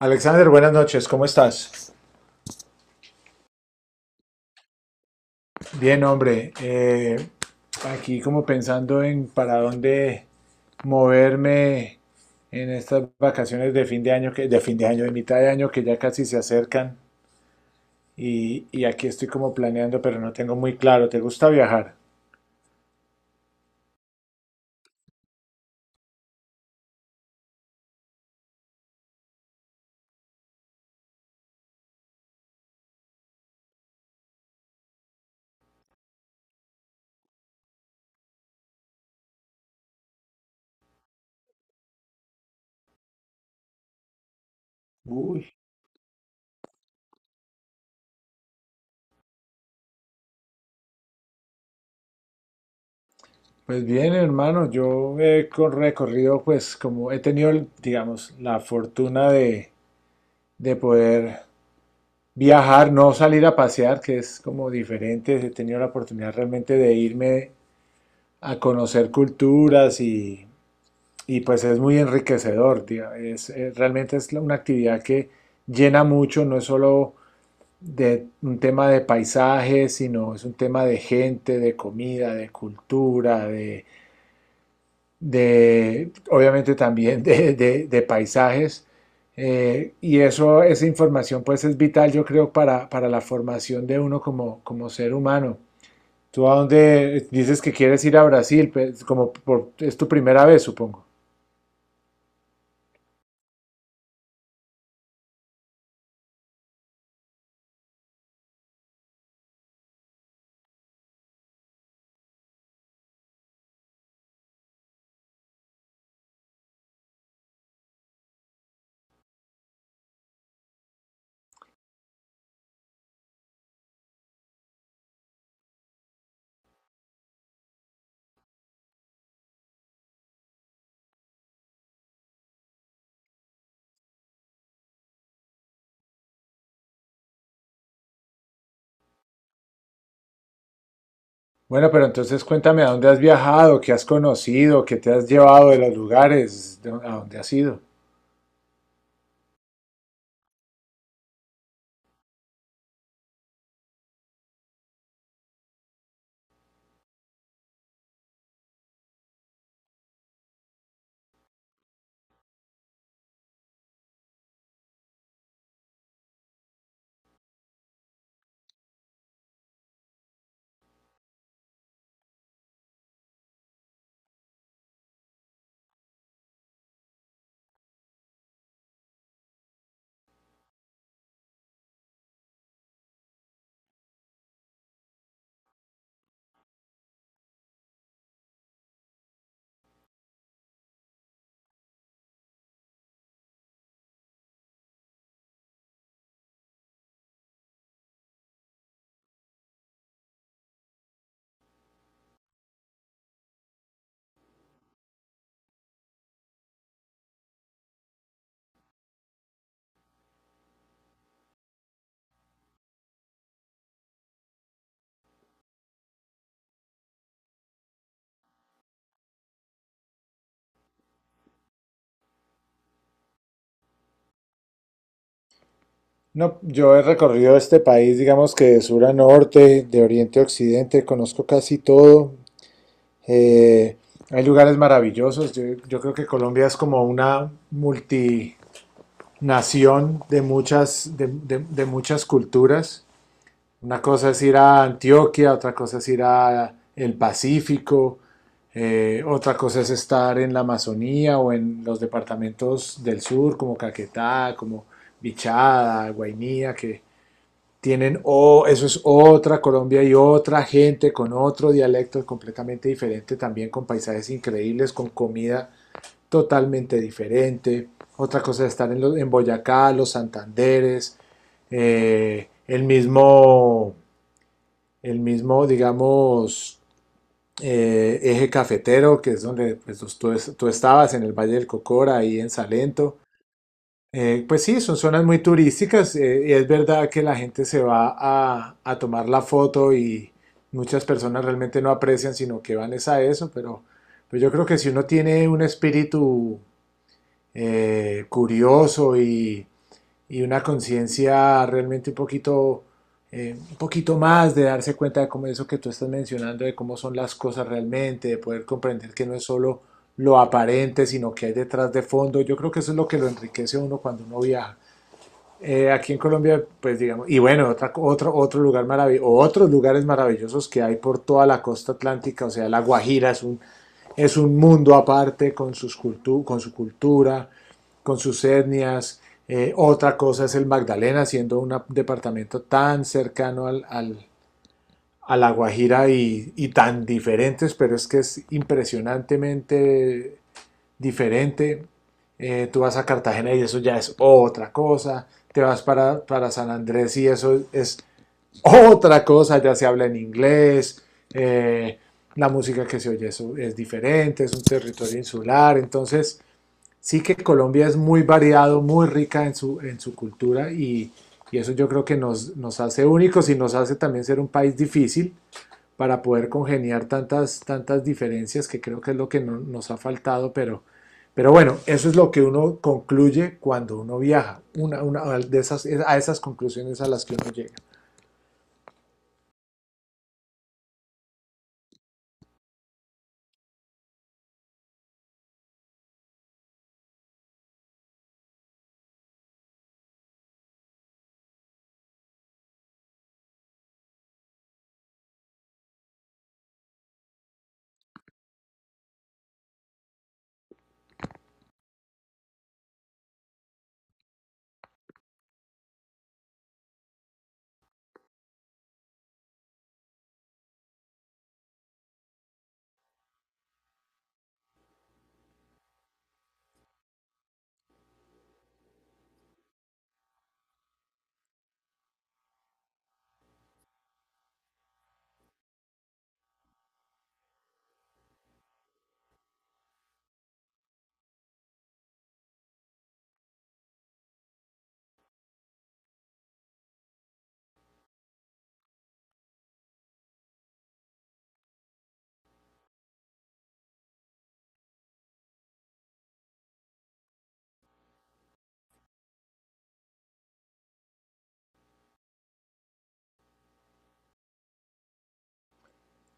Alexander, buenas noches, ¿cómo estás? Bien, hombre, aquí como pensando en para dónde moverme en estas vacaciones de fin de año, que, de fin de año, de mitad de año que ya casi se acercan y aquí estoy como planeando, pero no tengo muy claro, ¿te gusta viajar? Uy. Pues bien, hermano, yo recorrido, pues como he tenido, digamos, la fortuna de poder viajar, no salir a pasear, que es como diferente. He tenido la oportunidad realmente de irme a conocer culturas, y pues es muy enriquecedor, tía. Realmente es una actividad que llena mucho, no es solo de un tema de paisajes sino es un tema de gente, de comida, de cultura, obviamente también de paisajes. Y eso, esa información pues es vital, yo creo, para la formación de uno como, como ser humano. ¿Tú a dónde dices que quieres ir a Brasil? Pues, es tu primera vez, supongo. Bueno, pero entonces cuéntame a dónde has viajado, qué has conocido, qué te has llevado de los lugares, a dónde has ido. No, yo he recorrido este país, digamos que de sur a norte, de oriente a occidente, conozco casi todo. Eh, Hay lugares maravillosos. Yo creo que Colombia es como una multinación de muchas, de muchas culturas. Una cosa es ir a Antioquia, otra cosa es ir a el Pacífico, otra cosa es estar en la Amazonía o en los departamentos del sur, como Caquetá, como Vichada, Guainía, que, tienen, oh eso es otra Colombia y otra gente con otro dialecto completamente diferente también, con paisajes increíbles, con comida totalmente diferente. Otra cosa es estar en, los, en Boyacá, los Santanderes, eh, el mismo, el mismo, digamos, eje cafetero, que es donde pues, tú estabas en el Valle del Cocora, ahí en Salento. Pues sí, son zonas muy turísticas, y es verdad que la gente se va a tomar la foto y muchas personas realmente no aprecian, sino que van es a eso, pero yo creo que si uno tiene un espíritu curioso y una conciencia realmente un poquito más de darse cuenta de cómo eso que tú estás mencionando, de cómo son las cosas realmente, de poder comprender que no es solo lo aparente, sino que hay detrás de fondo, yo creo que eso es lo que lo enriquece a uno cuando uno viaja. Aquí en Colombia, pues digamos, y bueno, otra, otro lugar maravilloso, otros lugares maravillosos que hay por toda la costa atlántica, o sea, La Guajira es un mundo aparte con, con su cultura, con sus etnias. Otra cosa es el Magdalena, siendo un departamento tan cercano a La Guajira y tan diferentes, pero es que es impresionantemente diferente. Tú vas a Cartagena y eso ya es otra cosa. Te vas para San Andrés y eso es otra cosa. Ya se habla en inglés. eh, la música que se oye eso es diferente. Es un territorio insular. Entonces, sí que Colombia es muy variado, muy rica en su cultura y eso yo creo que nos, nos hace únicos y nos hace también ser un país difícil para poder congeniar tantas, tantas diferencias que creo que es lo que no, nos ha faltado, pero bueno, eso es lo que uno concluye cuando uno viaja, una de esas, a esas conclusiones a las que uno llega.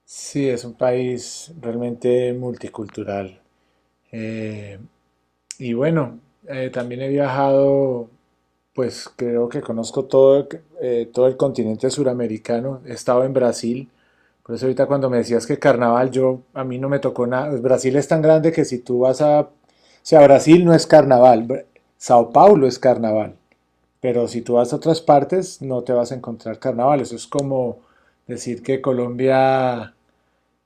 Sí, es un país realmente multicultural. Eh, y bueno, también he viajado. Pues creo que conozco todo, todo el continente suramericano. He estado en Brasil. Por eso ahorita cuando me decías que carnaval, yo a mí no me tocó nada. Pues Brasil es tan grande que si tú vas a... O sea, Brasil no es carnaval. Sao Paulo es carnaval. Pero si tú vas a otras partes, no te vas a encontrar carnaval. Eso es como decir que Colombia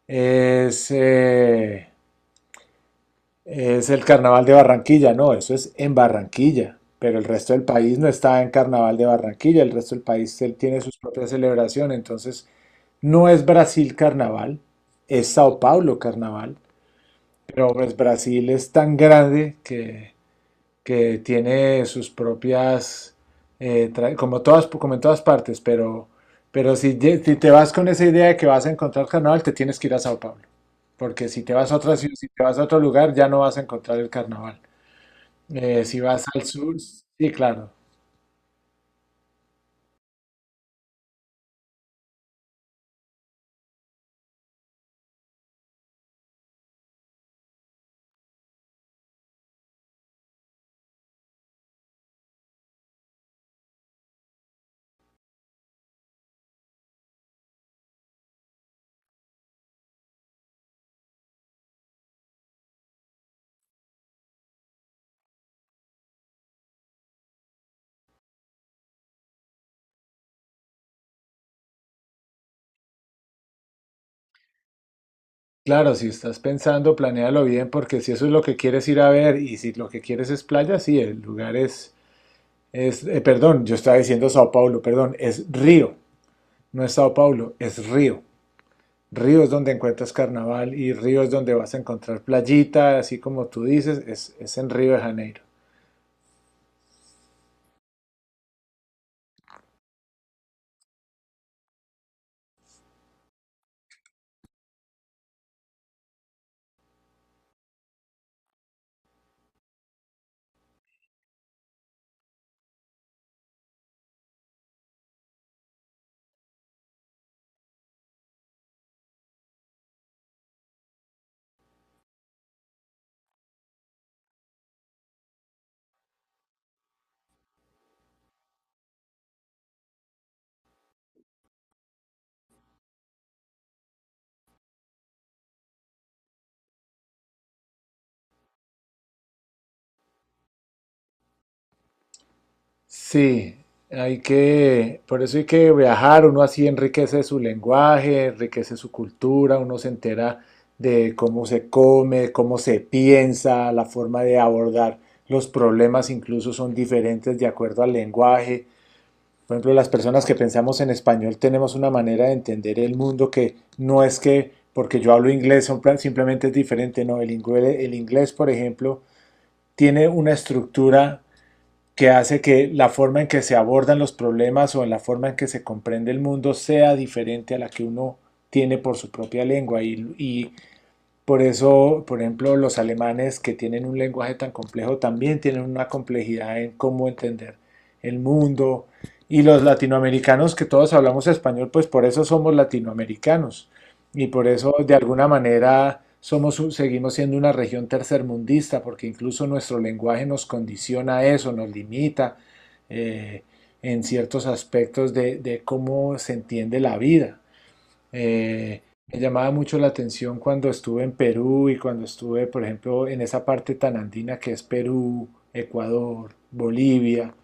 es... eh, es el carnaval de Barranquilla, no, eso es en Barranquilla, pero el resto del país no está en carnaval de Barranquilla, el resto del país él tiene sus propias celebraciones, entonces no es Brasil carnaval, es Sao Paulo carnaval, pero pues Brasil es tan grande que tiene sus propias, como, todas, como en todas partes, pero si te vas con esa idea de que vas a encontrar carnaval, te tienes que ir a Sao Paulo, porque si te vas a otra ciudad, si te vas a otro lugar, ya no vas a encontrar el carnaval. Si vas al sur, sí, claro. Claro, si estás pensando, planéalo bien, porque si eso es lo que quieres ir a ver y si lo que quieres es playa, sí, el lugar es, perdón, yo estaba diciendo Sao Paulo, perdón, es Río, no es Sao Paulo, es Río. Ríos donde encuentras carnaval y ríos donde vas a encontrar playita, así como tú dices, es en Río de Janeiro. Sí, hay que, por eso hay que viajar, uno así enriquece su lenguaje, enriquece su cultura, uno se entera de cómo se come, cómo se piensa, la forma de abordar los problemas incluso son diferentes de acuerdo al lenguaje. Por ejemplo, las personas que pensamos en español tenemos una manera de entender el mundo que no es que porque yo hablo inglés simplemente es diferente, no, el inglés, por ejemplo, tiene una estructura que hace que la forma en que se abordan los problemas o en la forma en que se comprende el mundo sea diferente a la que uno tiene por su propia lengua y por eso, por ejemplo, los alemanes que tienen un lenguaje tan complejo también tienen una complejidad en cómo entender el mundo. Y los latinoamericanos que todos hablamos español, pues por eso somos latinoamericanos. Y por eso, de alguna manera, somos, seguimos siendo una región tercermundista, porque incluso nuestro lenguaje nos condiciona a eso, nos limita, eh, en ciertos aspectos de cómo se entiende la vida. Eh, Me llamaba mucho la atención cuando estuve en Perú y cuando estuve, por ejemplo, en esa parte tan andina que es Perú, Ecuador, Bolivia,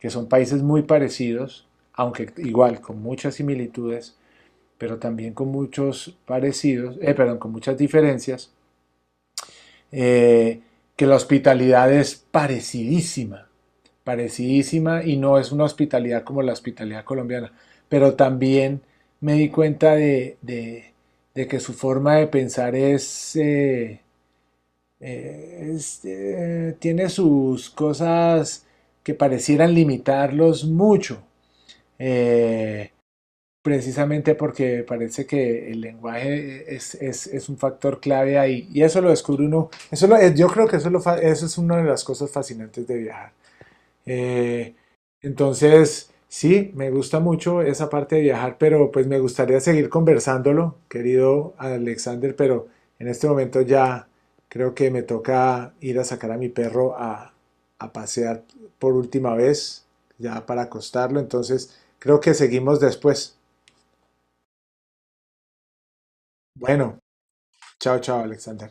que son países muy parecidos, aunque igual con muchas similitudes, pero también con muchos parecidos, perdón, con muchas diferencias, eh, que la hospitalidad es parecidísima, parecidísima y no es una hospitalidad como la hospitalidad colombiana, pero también me di cuenta de que su forma de pensar es tiene sus cosas que parecieran limitarlos mucho. Eh, Precisamente porque parece que el lenguaje es un factor clave ahí. Y eso lo descubre uno. Yo creo que eso, lo eso es una de las cosas fascinantes de viajar. Eh, entonces, sí, me gusta mucho esa parte de viajar, pero pues me gustaría seguir conversándolo, querido Alexander, pero en este momento ya creo que me toca ir a sacar a mi perro a pasear por última vez, ya para acostarlo. Entonces, creo que seguimos después. Bueno, chao, chao, Alexander.